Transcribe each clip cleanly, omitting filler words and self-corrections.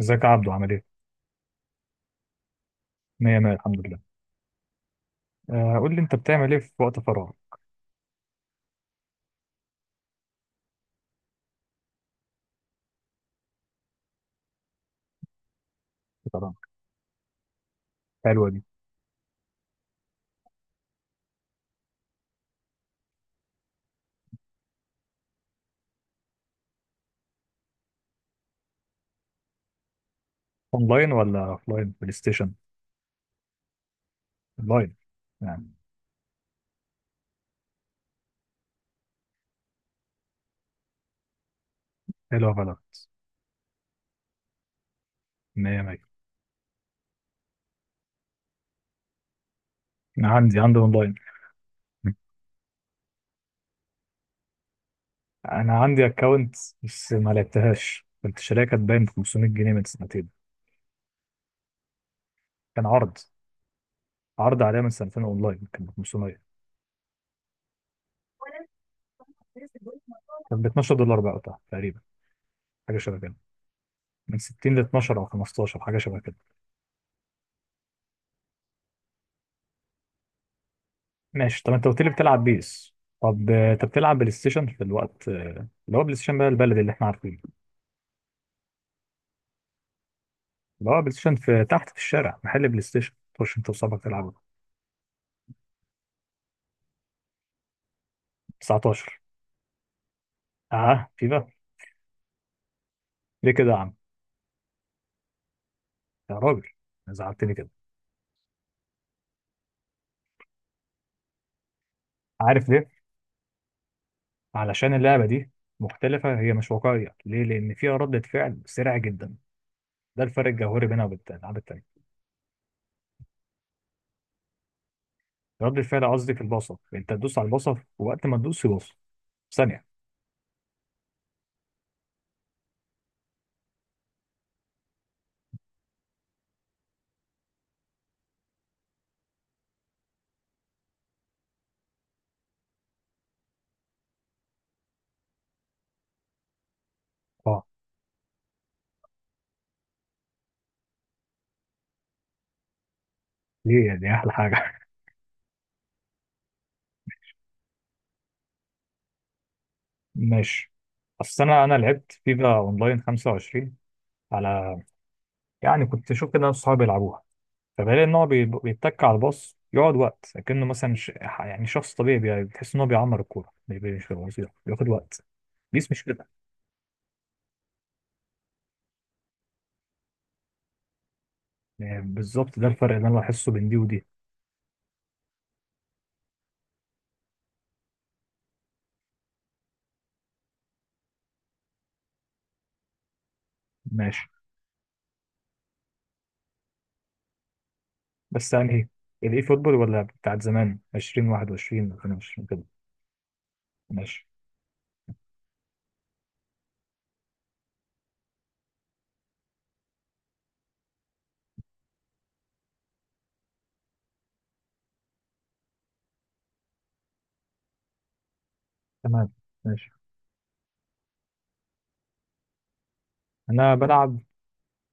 ازيك يا عبدو عامل ايه؟ مية مية، الحمد لله. آه، قول لي، انت بتعمل ايه في وقت فراغ؟ طبعا. حلوة دي. اونلاين ولا اوفلاين بلاي ستيشن؟ اونلاين. يعني. حلوة بلد. مية مية. انا عندي اونلاين. انا عندي اكونت بس ما لعبتهاش، كنت شاريها، كانت باين ب 500 جنيه من سنتين. كان عرض، عرض عليها من سنتين اونلاين كان ب 500. كان ب 12 دولار بقى وقتها تقريبا. حاجة شبه كده. من 60 ل 12 او 15، حاجة شبه كده. ماشي. طب انت قلت لي بتلعب بيس؟ طب انت بتلعب بلاي ستيشن في الوقت اللي هو بلاي ستيشن بقى البلدي اللي احنا عارفينه. اللي هو بلاي ستيشن في تحت في الشارع، محل بلاي ستيشن تخش انت وصاحبك تلعبوا 19. اه، في بقى. ليه كده يا عم؟ يا راجل زعلتني كده. عارف ليه؟ علشان اللعبه دي مختلفه، هي مش واقعيه. ليه؟ لان فيها ردة فعل سريعه جدا. ده الفرق الجوهري بينها وبين الالعاب التانيه. ردة فعل قصدي في البصر، انت تدوس على البصر ووقت ما تدوس يبص. ثانيه. اه. دي احلى حاجه. ماشي. اصل انا لعبت فيفا اونلاين 25. على. يعني كنت اشوف كده ناس صحابي بيلعبوها، فبلاقي ان هو بيتك على الباص يقعد وقت، لكنه مثلا يعني شخص طبيعي بتحس ان هو بيعمر الكوره مش بيبقى بياخد وقت. بيس مش كده. يعني بالظبط ده الفرق اللي انا بحسه بين دي ودي. ماشي. بس يعني ايه؟ الاي فوتبول ولا بتاعت زمان 20 21 22 كده؟ ماشي تمام. ماشي. انا بلعب.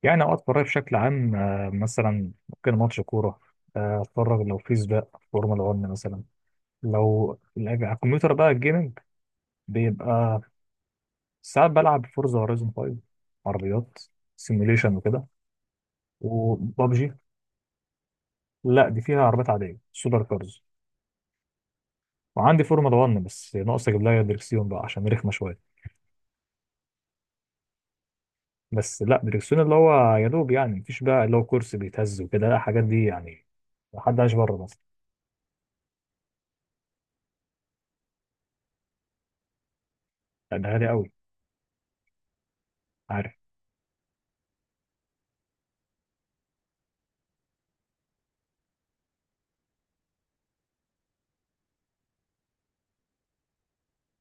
يعني اوقات فراغي بشكل عام، مثلا ممكن ماتش كوره، اتفرج لو في سباق فورمولا 1 مثلا. لو على الكمبيوتر بقى الجيمنج، بيبقى ساعات بلعب فورزا هورايزون 5. عربيات سيميوليشن وكده. وبابجي. لا، دي فيها عربيات عاديه سوبر كارز. وعندي فورمولا 1، بس ناقص اجيب لها دريكسيون بقى عشان رخمه شويه. بس لا، دريكسيون اللي هو يا دوب، يعني مفيش بقى اللي هو كرسي بيتهز وكده، لا الحاجات دي يعني. محدش بره مثلا. لا ده غالي قوي. عارف.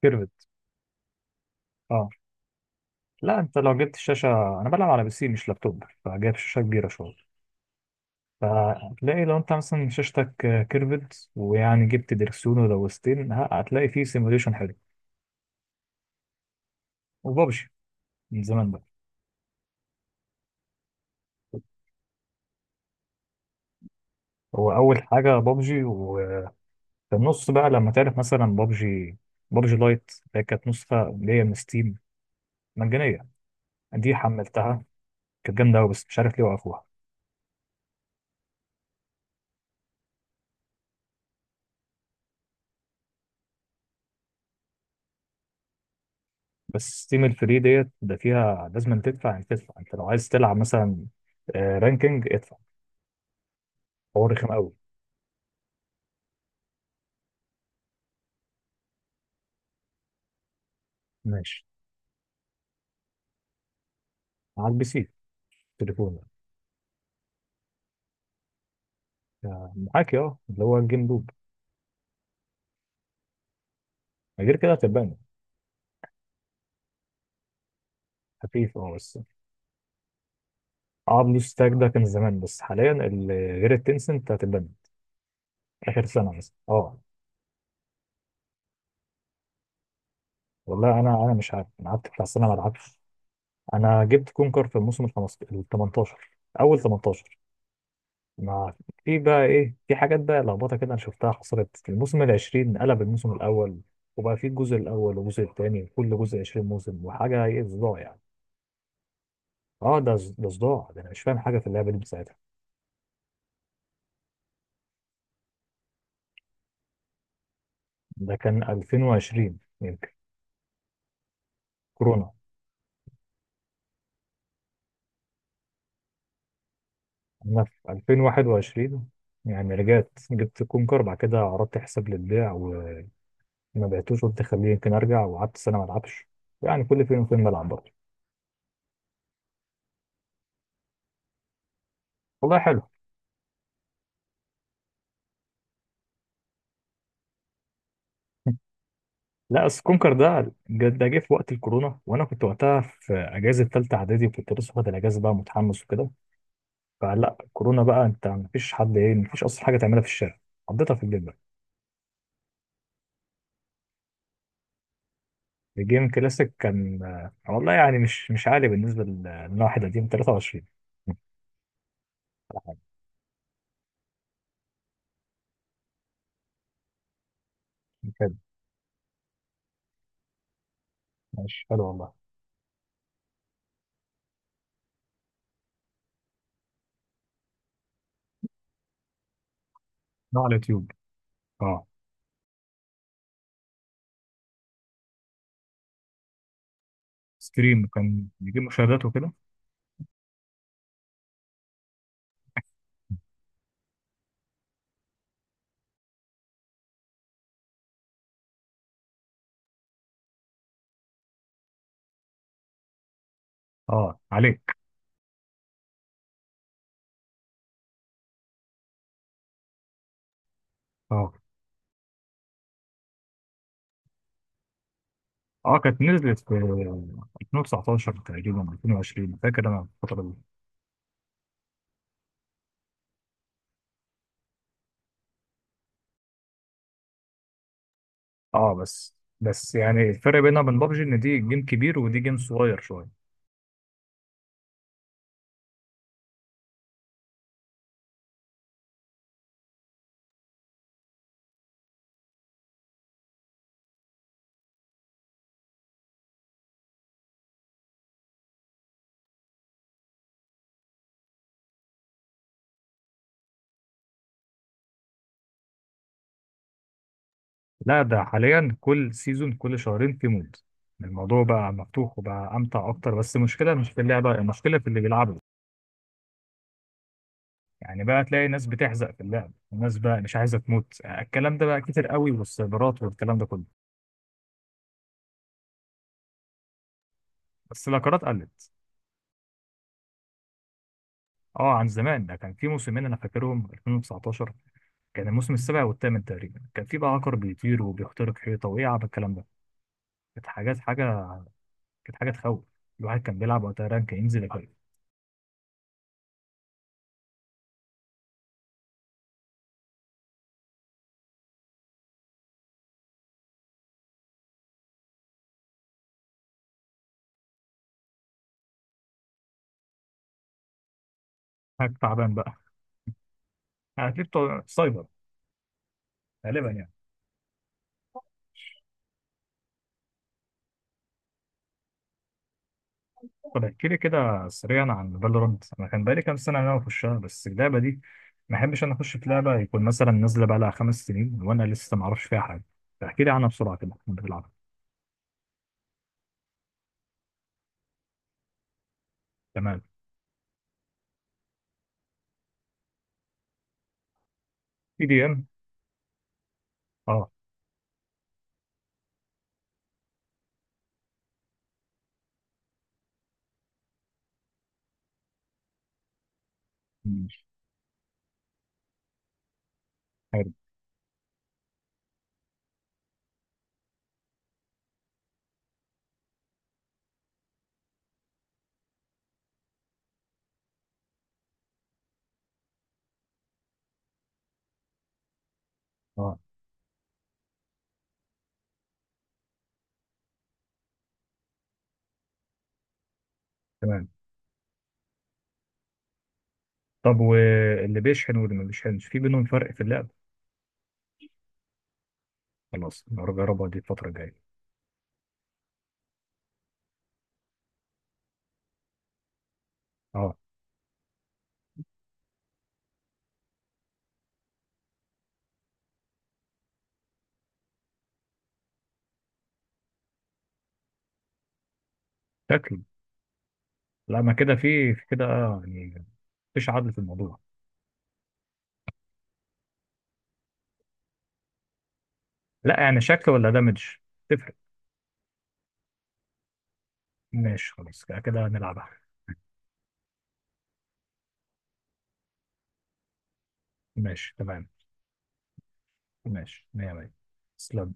كيرفت. اه. لا انت لو جبت الشاشه، انا بلعب على PC مش لابتوب، فجايب شاشه كبيره شويه. فهتلاقي لو انت مثلا شاشتك كيرفد ويعني جبت دركسيون ولوستين، هتلاقي فيه سيموليشن حلو. وبابجي. من زمان بقى. هو اول حاجه بابجي، وفي النص بقى لما تعرف مثلا بابجي، بابجي لايت اللي كانت نسخه اللي هي من ستيم مجانيه، دي حملتها. كانت جامده قوي بس مش عارف ليه وقفوها. بس ستيم الفري ديت ده فيها لازم تدفع، يعني تدفع انت لو عايز تلعب مثلا رانكينج، ادفع. هو رخم قوي. ماشي. معاك PC؟ تليفون. معاك، اه، اللي هو الجيم لوب. غير كده هتبان. خفيف، اه، بس. اه، بلوس تاج ده كان زمان، بس حاليا غير التنسنت هتبان. اخر سنه مثلا، اه. والله انا مش عارف، انا قعدت بتاع سنه ما العبش. انا جبت كونكر في الموسم ال 15، ال 18. اول 18. ما. في بقى ايه، في حاجات بقى لخبطه كده انا شفتها حصلت في الموسم ال 20، قلب الموسم الاول. وبقى في الجزء الاول والجزء الثاني، وكل جزء 20 موسم وحاجه، ايه صداع يعني. اه، ده ده صداع، ده انا مش فاهم حاجه في اللعبه دي بساعتها. ده كان 2020 يمكن. كورونا. انا في 2021. يعني رجعت جبت كونكر، بعد كده عرضت حساب للبيع وما بعتوش، قلت خليه يمكن ارجع، وقعدت سنه ما العبش. يعني كل فين وفين بلعب برضه. والله حلو. لا أصل كونكر ده ده جه في وقت الكورونا، وانا كنت وقتها في اجازه ثالثه اعدادي، وكنت لسه واخد الاجازه بقى متحمس وكده. فلا الكورونا بقى، انت مفيش حد، ايه، مفيش اصلا حاجه تعملها في الشارع، قضيتها في البيت بقى. الجيم كلاسيك كان، والله يعني مش عالي بالنسبة لنا. واحد قديم 23 على حاجة. كان. ماشي حلو والله. نوع على اليوتيوب. اه. ستريم كان بيجيب مشاهدات وكده. اه، عليك. اه. اه، كانت نزلت في 2019 تقريبا 2020، فاكر انا الفترة دي. اه، بس يعني الفرق بينها وبين بابجي ان دي جيم كبير ودي جيم صغير شوية. لا ده حاليا كل سيزون كل شهرين في مود، الموضوع بقى مفتوح وبقى امتع اكتر. بس المشكله مش في اللعبه، المشكله في اللي بيلعبوا. يعني بقى تلاقي ناس بتحزق في اللعب، وناس بقى مش عايزه تموت، الكلام ده بقى كتير قوي، والسيرفرات والكلام ده كله. بس الاكارات قلت. اه عن زمان، ده كان في موسمين انا فاكرهم 2019، كان الموسم السابع والثامن تقريبا، كان في بقى عقر بيطير وبيخترق حيطه وايه، عب الكلام ده. كانت حاجات حاجه. كانت حاجه تخوف. الواحد كان بيلعب وقتها رانك ينزل يقل. حاجه تعبان بقى. هتلاقي بتوع سايبر غالبا يعني. طب احكي لي كده سريعا عن فالورانت. انا كان بقالي كام سنه إن انا اخشها بس اللعبه دي، ما احبش انا اخش في لعبه يكون مثلا نازله بقى لها 5 سنين وانا لسه ما اعرفش فيها حاجه. فاحكي لي عنها بسرعه كده، كنت بتلعب. تمام. PDM. اه. مش حارب. اه تمام. طب واللي بيشحن واللي ما بيشحنش، في بينهم فرق في اللعب؟ خلاص نجربها دي الفتره الجايه. اه. شكل. لا ما كده، في كده، يعني. مفيش عدل في الموضوع. لا يعني شكل ولا دامج؟ تفرق. ماشي خلاص، كده كده نلعب. ماشي تمام. ماشي مية مية. تسلم.